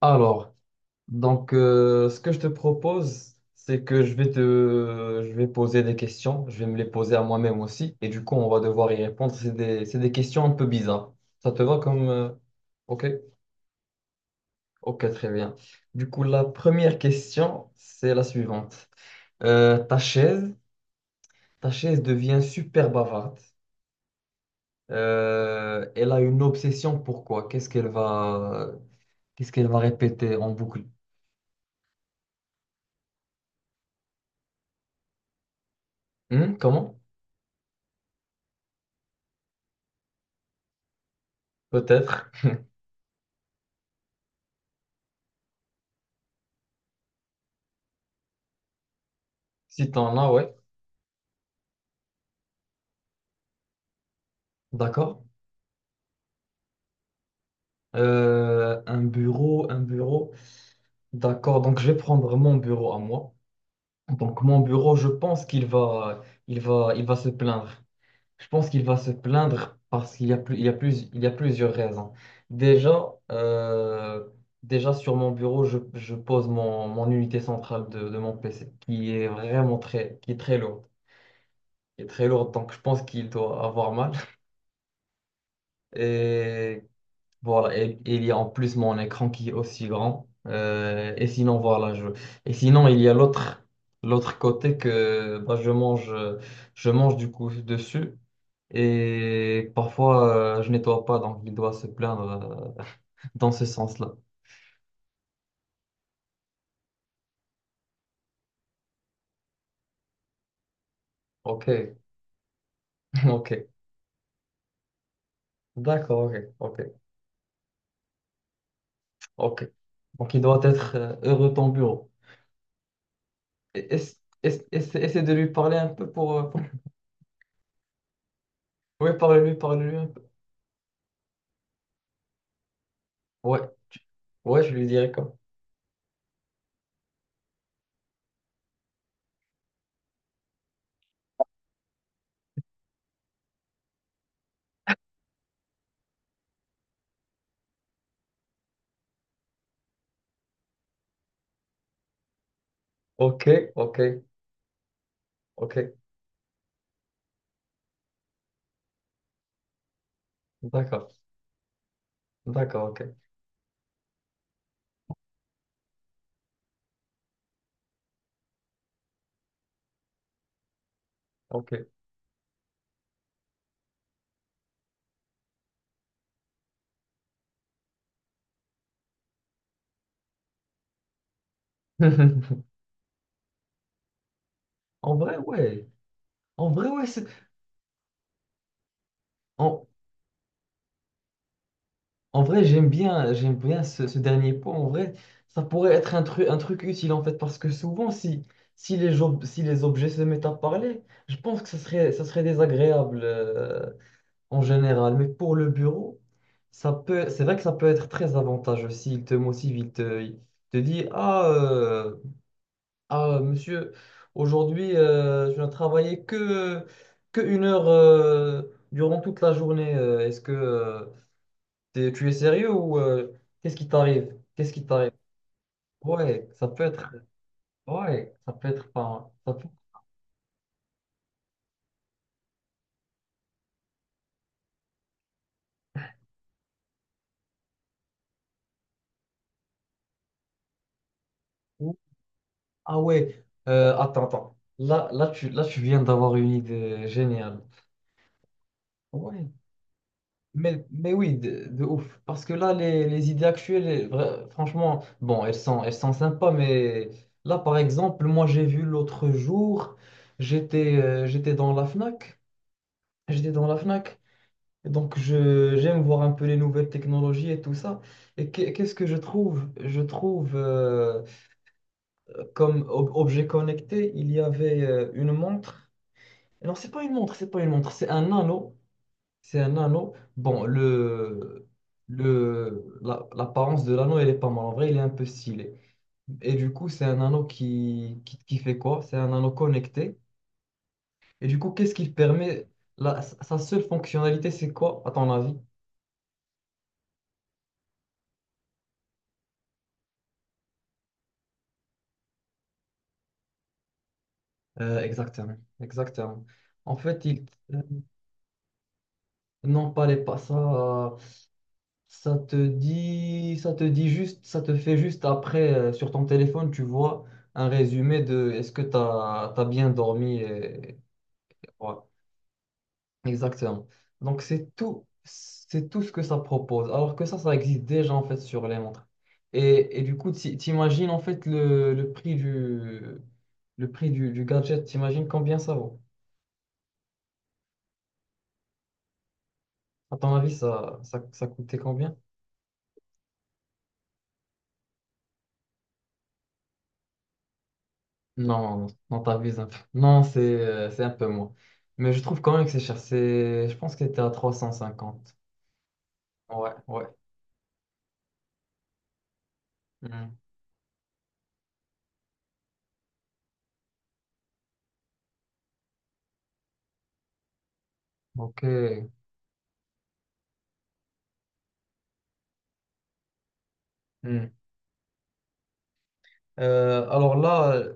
Alors, donc, ce que je te propose, c'est que je vais poser des questions, je vais me les poser à moi-même aussi, et du coup, on va devoir y répondre. C'est des questions un peu bizarres. Ça te va comme... Ok, ok, très bien. Du coup, la première question, c'est la suivante. Euh, ta chaise, ta chaise devient super bavarde. Elle a une obsession, pourquoi? Qu'est-ce qu'elle va répéter en boucle? Hmm, comment? Peut-être. Si t'en as, ouais. D'accord. Un bureau, un bureau. D'accord. Donc, je vais prendre mon bureau à moi. Donc, mon bureau, je pense qu'il va se plaindre. Je pense qu'il va se plaindre parce qu'il y a plus, il y a plus, il y a plusieurs raisons. Déjà, euh, déjà sur mon bureau, je pose mon unité centrale de mon PC qui est qui est très lourde. Qui est très lourde. Donc, je pense qu'il doit avoir mal. Et Voilà, et il y a en plus mon écran qui est aussi grand. Et sinon, voilà, je... Et sinon, il y a l'autre côté que bah, je mange du coup dessus. Et parfois, je nettoie pas, donc il doit se plaindre dans ce sens-là. Ok, ok, d'accord, ok, ok, ok. Donc il doit être heureux ton bureau. Essaie de lui parler un peu pour- Ouais, parle-lui, parle-lui un peu. Ouais, ouais, je lui dirai quoi. Ok, ok, ok. D'accord, d'accord, ok, ok. En vrai, ouais, en vrai, ouais, c'est- en, en vrai, j'aime bien ce dernier point. En vrai, ça pourrait être un truc utile en fait, parce que souvent, si les objets se mettent à parler, je pense que ça serait désagréable en général. Mais pour le bureau, c'est vrai que ça peut être très avantageux s'il te motive, il te dit, ah, monsieur, aujourd'hui, je ne travaillais que 1 heure durant toute la journée. Est-ce que tu es sérieux ou qu'est-ce qui t'arrive? Qu'est-ce qui t'arrive? Ouais, ça peut être. Ouais, ça peut être pas. Ça peut- Ouh, Ah ouais, attends, attends. Là, là, là, tu viens d'avoir une idée géniale. Ouais. Mais oui, de ouf. Parce que là, les idées actuelles, franchement, bon, elles sont sympas, mais là, par exemple, moi, j'ai vu l'autre jour, j'étais dans la Fnac. J'étais dans la Fnac. Et donc, j'aime voir un peu les nouvelles technologies et tout ça. Et qu'est-ce que je trouve? Comme objet connecté, il y avait une montre. Non, c'est pas une montre, c'est pas une montre, c'est un anneau. C'est un anneau. Bon, l'apparence de l'anneau, elle est pas mal. En vrai, il est un peu stylé. Et du coup, c'est un anneau qui fait quoi? C'est un anneau connecté. Et du coup, qu'est-ce qu'il permet? Sa seule fonctionnalité, c'est quoi, à ton avis? Exactement. Exactement. En fait, euh, non, pas les pas ça. Ça te fait juste après, sur ton téléphone, tu vois un résumé de est-ce que tu as, bien dormi et, voilà. Exactement. Donc c'est tout ce que ça propose. Alors que ça existe déjà en fait sur les montres. Et du coup, t'imagines en fait le prix du gadget, t'imagines combien ça vaut? À ton avis, ça coûtait combien? Non, non, non, t'abuses un peu. Non, c'est un peu moins. Mais je trouve quand même que c'est cher. Je pense que c'était à 350 Ouais, ouais. Hmm. Ok. Hmm. Alors là,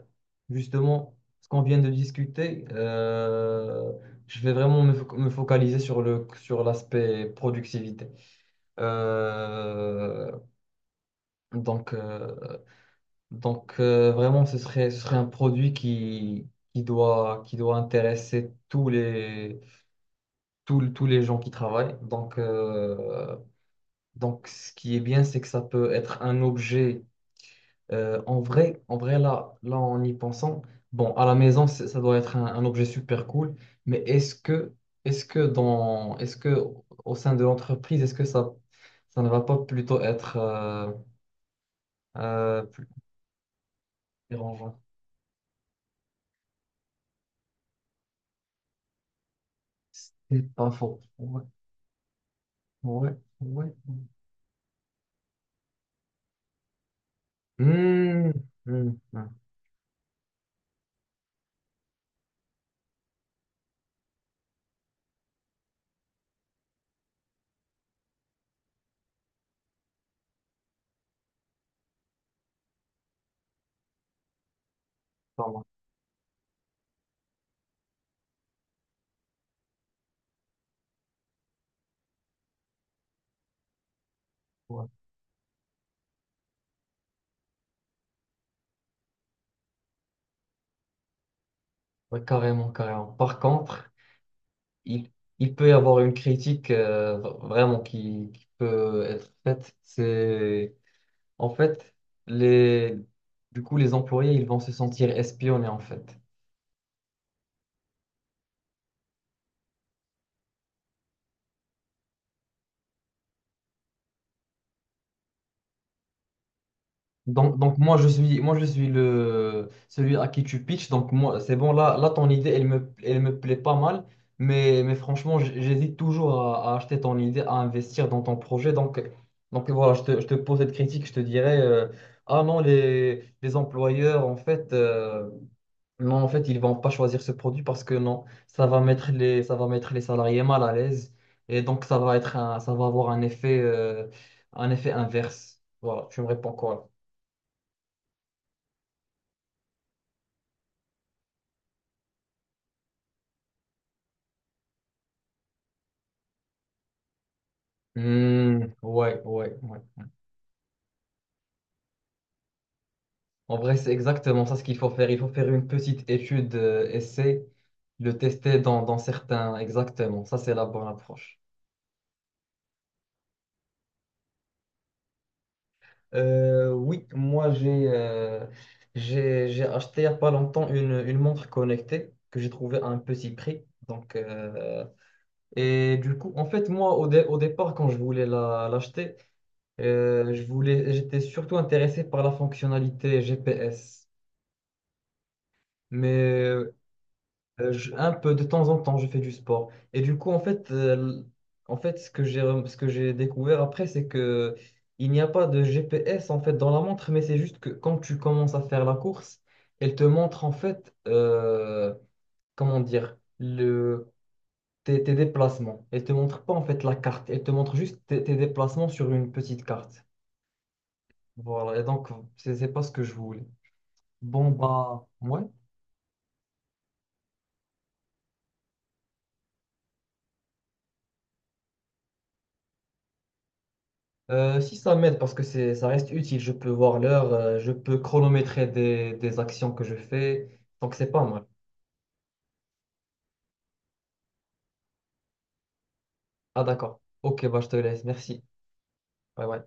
justement, ce qu'on vient de discuter, je vais vraiment me focaliser sur sur l'aspect productivité. Euh, donc, euh, donc, vraiment, ce serait un produit qui doit intéresser tous les gens qui travaillent. Donc, ce qui est bien, c'est que ça peut être un objet En vrai, en vrai là, là, en y pensant, bon, à la maison, ça doit être un objet super cool, mais est-ce que au sein de l'entreprise, ça ne va pas plutôt être plus dérangeant? C'est pas faux. Ouais, ouais, ouais. Hmm, hmm, hmm, pas mal. Ouais, ouais, carrément, carrément. Par contre, il, il peut y avoir une critique vraiment qui peut être faite. C'est En fait, les, du coup, les employés, ils vont se sentir espionnés, en fait. Donc, moi, moi, je suis celui à qui tu pitches. Donc, moi, c'est bon, là, là, ton idée, elle me plaît pas mal. Mais franchement, j'hésite toujours à acheter ton idée, à investir dans ton projet. Donc, voilà, je te pose cette critique, je te dirais, ah non, les employeurs, en fait, Non, en fait, ils vont pas choisir ce produit parce que non, ça va mettre les salariés mal à l'aise et donc ça va être ça va avoir un effet inverse. Voilà, tu me réponds quoi? Là Hmm, ouais, ouais, ouais. En vrai, c'est exactement ça ce qu'il faut faire. Il faut faire une petite étude, essai, le tester dans certains, exactement. Ça, c'est la bonne approche. Oui, moi j'ai acheté il n'y a pas longtemps une montre connectée que j'ai trouvée à un petit prix. Donc, et du coup, en fait, moi au départ, quand je voulais l'acheter, j'étais surtout intéressé par la fonctionnalité GPS. Mais un peu de temps en temps, je fais du sport. Et du coup, en fait, ce que j'ai découvert après, c'est que il n'y a pas de GPS en fait dans la montre, mais c'est juste que quand tu commences à faire la course, elle te montre en fait comment dire le tes déplacements. Elle te montre pas en fait la carte. Elle te montre juste tes déplacements sur une petite carte. Voilà. Et donc, c'est pas ce que je voulais. Bon bah, ouais. Si ça m'aide parce que ça reste utile, je peux voir l'heure, je peux chronométrer des actions que je fais, donc c'est pas mal. Ah d'accord. Ok, bah je te laisse, merci. Ouais, ouais.